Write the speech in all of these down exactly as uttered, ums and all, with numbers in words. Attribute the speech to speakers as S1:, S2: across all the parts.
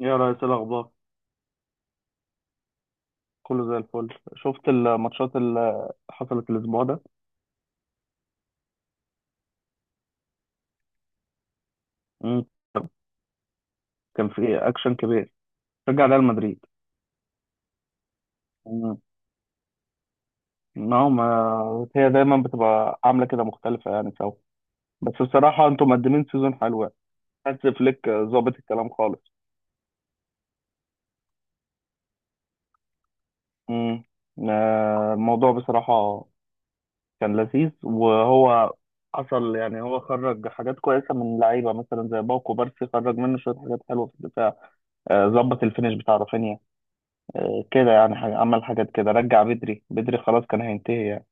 S1: يا ريس، إيه الأخبار؟ كله زي الفل. شفت الماتشات اللي حصلت الأسبوع ده؟ مم. كان في أكشن كبير، رجع ريال مدريد. مم. ما هو ما هي دايما بتبقى عاملة كده مختلفة يعني سوا. بس بصراحة أنتوا مقدمين سيزون حلو يعني، حاسس فليك ظابط الكلام خالص. مم. آه، الموضوع بصراحة كان لذيذ، وهو حصل يعني هو خرج حاجات كويسة من لعيبة، مثلا زي باوكو بارسي خرج منه شوية حاجات حلوة في الدفاع. آه، ظبط الفينش بتاع رافينيا. آه، كده يعني حاجة، عمل حاجات كده، رجع بدري بدري خلاص كان هينتهي يعني.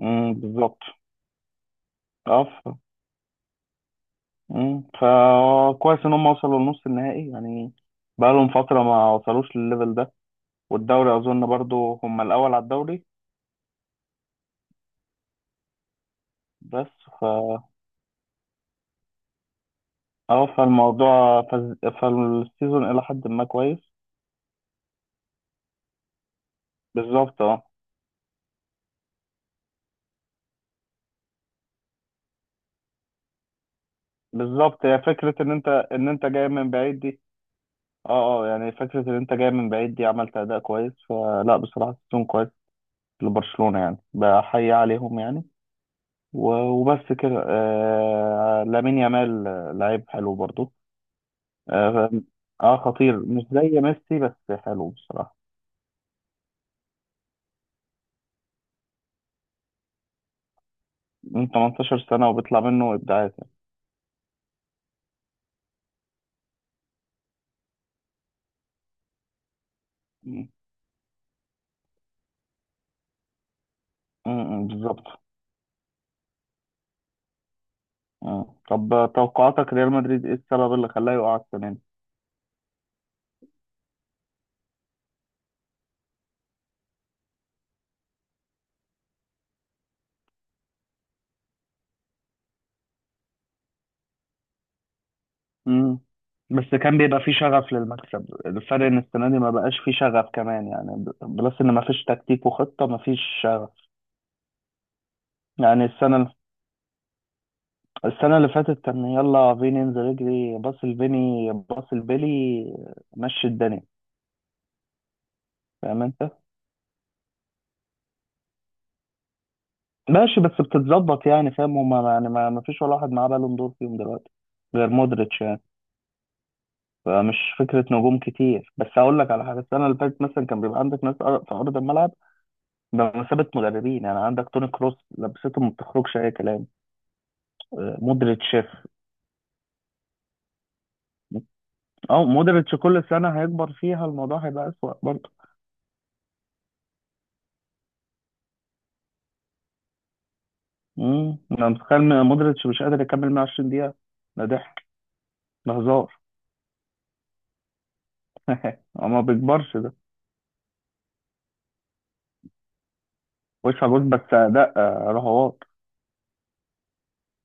S1: امم بالظبط. اه ف... امم فكويس ان هم وصلوا لنص النهائي يعني، بقالهم فترة ما وصلوش للليفل ده. والدوري اظن برضو هم الاول على الدوري. بس. ف اه فالموضوع فز... فالسيزون الى حد ما كويس. بالظبط، اه. بالظبط، هي فكرة ان انت ان انت جاي من بعيد دي. اه. اه يعني فكرة ان انت جاي من بعيد دي، عملت اداء كويس. فلا بصراحة السيزون كويس لبرشلونة يعني، بحيي عليهم يعني. و- وبس كده. آه لامين يامال، آه، لعيب حلو برضو. اه. ف- آه، خطير، مش زي ميسي، بس حلو بصراحة. من تمنتاشر سنة وبيطلع منه إبداعات يعني. م- م- بالظبط. آه. طب توقعاتك ريال مدريد، ايه السبب اللي خلاه يقع السنة دي؟ مم. بس كان بيبقى فيه شغف للمكسب، الفرق ان السنه دي ما بقاش فيه شغف كمان يعني، ب- بلس ان ما فيش تكتيك وخطه، ما فيش شغف. يعني السنه السنة اللي فاتت كان يلا فيني انزل اجري، باص الفيني باص البيلي، مشي الدنيا. فاهم انت؟ ماشي بس بتتظبط يعني، فاهم، هما يعني ما ما فيش ولا واحد معاه بالون دور فيهم دلوقتي غير مودريتش يعني. فمش فكرة نجوم كتير، بس أقول لك على حاجة: السنة اللي فاتت مثلا كان بيبقى عندك ناس أر- في أرض الملعب بمثابة مدربين، يعني عندك توني كروس لبسته ما بتخرجش أي كلام. آه، مودريتش. أو مودريتش كل سنة هيكبر فيها الموضوع هيبقى أسوأ برضه. امم انا متخيل م- مودريتش مش قادر يكمل مية وعشرين دقيقة. ده ضحك، ده هزار. هو ما بيكبرش ده. وش جول بس اداء آه، رهوات.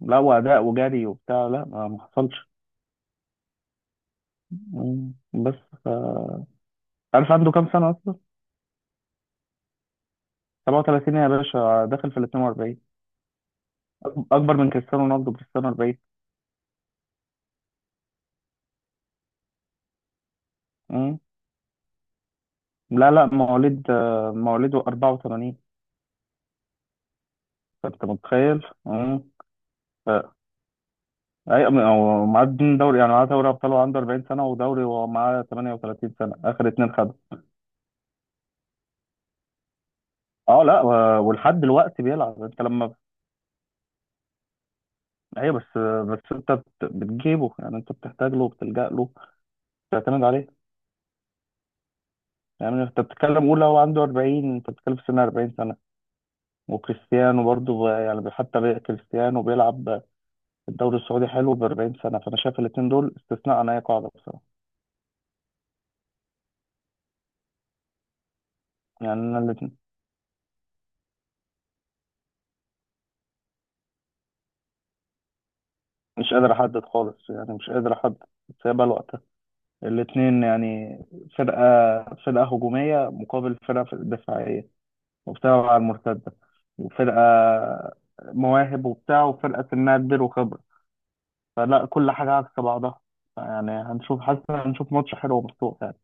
S1: لا، واداء وجري وبتاع، لا ما ما حصلش. مم. بس. ف... عارف عنده كام سنة اصلا؟ سبعة وثلاثين يا باشا، داخل في ال اثنين وأربعين. أك- اكبر من كريستيانو رونالدو. كريستيانو أربعين. مم. لا لا، مواليد، آه، مواليد أربعة وثمانين. فانت متخيل. مم. ف- اي أم- هو معاه اتنين دوري يعني، معاه دوري ابطال وهو عنده أربعين سنه، ودوري وهو معاه ثمانية وثلاثين سنه، اخر اتنين خدوا. اه لا، و- ولحد دلوقتي بيلعب. انت لما، ايوه بس، بس انت بت- بتجيبه يعني، انت بتحتاج له وبتلجأ له، بتعتمد عليه. يعني انت بتتكلم، قول لو عنده أربعين، انت بتتكلم في سن أربعين سنه. وكريستيانو برضه يعني، بي- حتى بي- كريستيانو بيلعب في الدوري السعودي حلو ب أربعين سنه. فانا شايف الاثنين دول استثناء عن اي قاعده بصراحه. يعني انا الاتنين مش قادر احدد خالص، يعني مش قادر احدد. بس هي بقى الوقت، الاتنين يعني. فرقة، فرقة هجومية مقابل فرقة دفاعية، وبتلعب على المرتدة. وفرقة مواهب وبتاع، وفرقة سنها كبير وخبرة. فلا كل حاجة عكس بعضها يعني. هنشوف، حاسس إن هنشوف ماتش حلو ومفتوح يعني.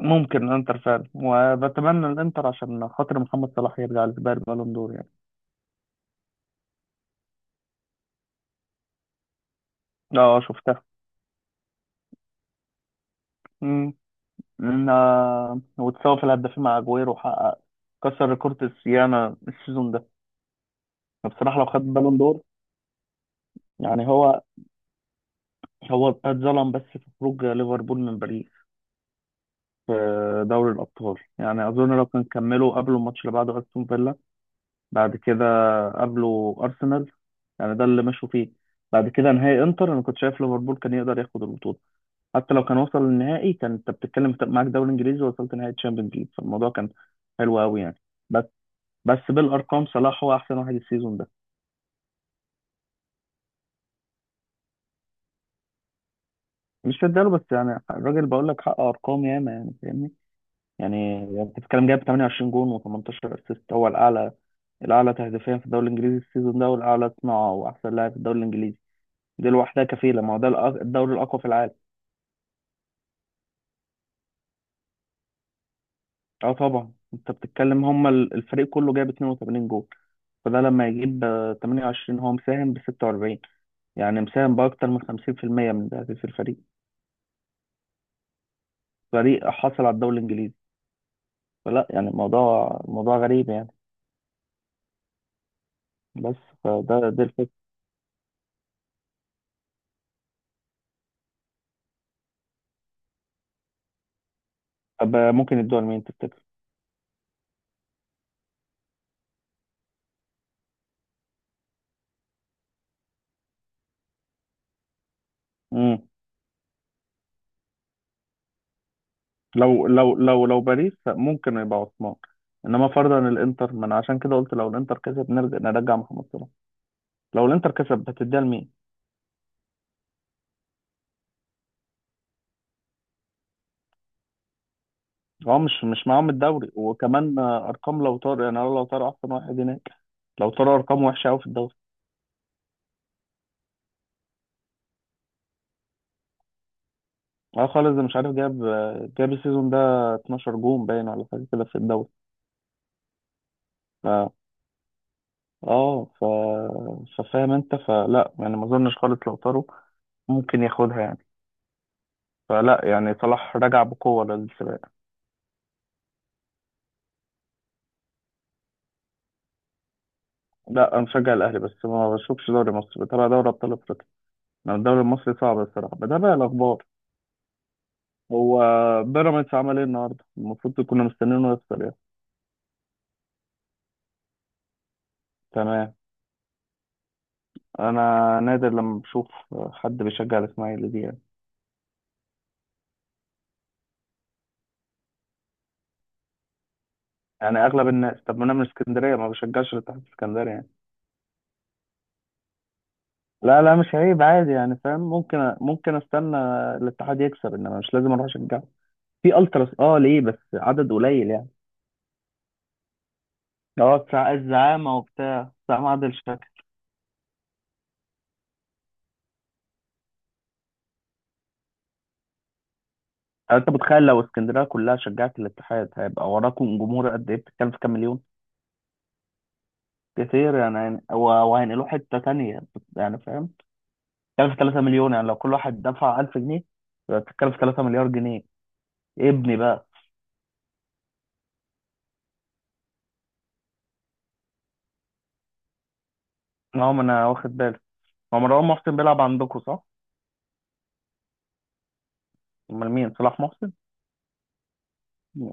S1: ممكن الانتر فعلا. وبتمنى الانتر عشان خاطر محمد صلاح يرجع لسباق البالون دور يعني. اه شفتها. امم. إن- آه، وتساوي في الهدافين مع اجويرو، وحقق كسر ريكورد السيانة السيزون ده. بصراحة لو خد بالون دور. يعني هو، هو اتظلم بس في خروج ليفربول من باريس في دوري الأبطال يعني. أظن لو كان كملوا، قبلوا الماتش اللي بعده أستون فيلا، بعد كده قابلوا أرسنال، يعني ده اللي مشوا فيه. بعد كده نهائي انتر، انا كنت شايف ليفربول كان يقدر ياخد البطوله. حتى لو كان وصل للنهائي، كان انت بتتكلم، أنت معاك دوري انجليزي ووصلت نهائي تشامبيونز ليج، فالموضوع كان حلو قوي يعني. بس بس بالارقام صلاح هو احسن واحد السيزون ده. مش هداله، بس يعني الراجل بقول لك حقق ارقام ياما، يعني فاهمني؟ يعني يعني انت بتتكلم، جايب تمنية وعشرين جون و18 اسيست، هو الاعلى، الاعلى تهديفيا في الدوري الانجليزي السيزون ده، والاعلى صناعه، واحسن لاعب في الدوري الانجليزي. دي لوحدها كفيله. ما هو ده الأق- الدوري الاقوى في العالم. اه طبعا. انت بتتكلم هم ال- الفريق كله جايب اثنين وثمانين جون، فده لما يجيب آه، ثمانية وعشرين هو مساهم ب ستة وأربعين، يعني مساهم باكتر من خمسين في المية من تهديف الفريق. فريق حصل على الدوري الانجليزي. فلا يعني الموضوع موضوع غريب يعني. بس فده دي الفكره. طب آه، ممكن يدوها لمين تفتكر؟ لو لو لو لو باريس ممكن يبقى عثمان. انما فرضا الانتر، من عشان كده قلت لو الانتر كسب نرجع، نرجع محمد صلاح. لو الانتر كسب هتديها لمين؟ هو مش مش معاهم الدوري، وكمان آه، ارقام لو طار يعني، لو طار احسن واحد هناك، لو طار ارقام وحشه قوي في الدوري. اه خالص، ده مش عارف، جاب، آه، جاب السيزون ده اتناشر جون باين ولا حاجه كده في الدوري. ف اه ف ففاهم انت، فلا يعني ما اظنش خالص لو طاروا ممكن ياخدها يعني. فلا يعني صلاح رجع بقوه للسباق. لا، انا مشجع الاهلي، بس ما بشوفش دوري مصر، بتابع دوري ابطال افريقيا. انا الدوري المصري صعب الصراحه، بتابع الاخبار. هو بيراميدز عمل ايه النهارده؟ المفروض كنا مستنينه يخسر يعني. تمام. انا نادر لما بشوف حد بيشجع الاسماعيلي دي يعني. يعني اغلب الناس، طب ما انا من اسكندريه ما بشجعش الاتحاد الاسكندري يعني. لا لا، مش عيب، عادي يعني، فاهم، ممكن ممكن استنى الاتحاد يكسب، انما مش لازم اروح اشجعه في التراس. اه، ليه بس عدد قليل يعني؟ اه، بتاع الزعامه وبتاع بتاع معادل شكل. انت متخيل لو اسكندريه كلها شجعت الاتحاد، هيبقى وراكم جمهور قد ايه؟ بتتكلم في كام مليون. كتير يعني. يعني- و- وهينقلوه حته تانية يعني، فاهم. بتتكلم في ثلاثة مليون، يعني لو كل واحد دفع ألف جنيه، يبقى بتتكلم في ثلاثة مليار جنيه. إيه ابني بقى؟ نعم، انا واخد بالي. هو مروان محسن بيلعب عندكم، صح؟ امال مين، صلاح محسن؟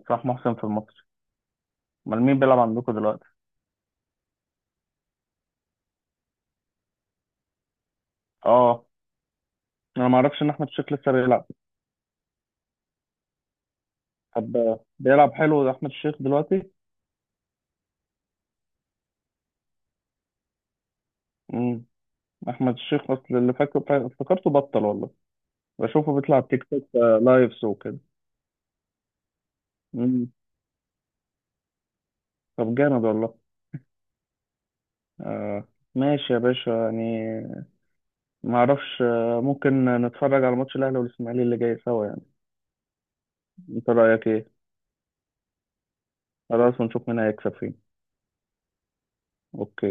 S1: صلاح محسن في المصري. امال مين بيلعب عندكم دلوقتي؟ اه، انا ما اعرفش ان احمد الشيخ لسه بيلعب. طب بيلعب حلو احمد الشيخ دلوقتي؟ امم احمد الشيخ اصل اللي فاكره افتكرته بطل والله. بشوفه بيطلع تيك توك، آه، لايفز وكده. مم. طب جامد والله. آه. ماشي يا باشا يعني. ما اعرفش، آه، ممكن نتفرج على ماتش الاهلي والاسماعيلي اللي جاي سوا يعني؟ انت رايك ايه؟ خلاص، ونشوف مين هيكسب فين. اوكي.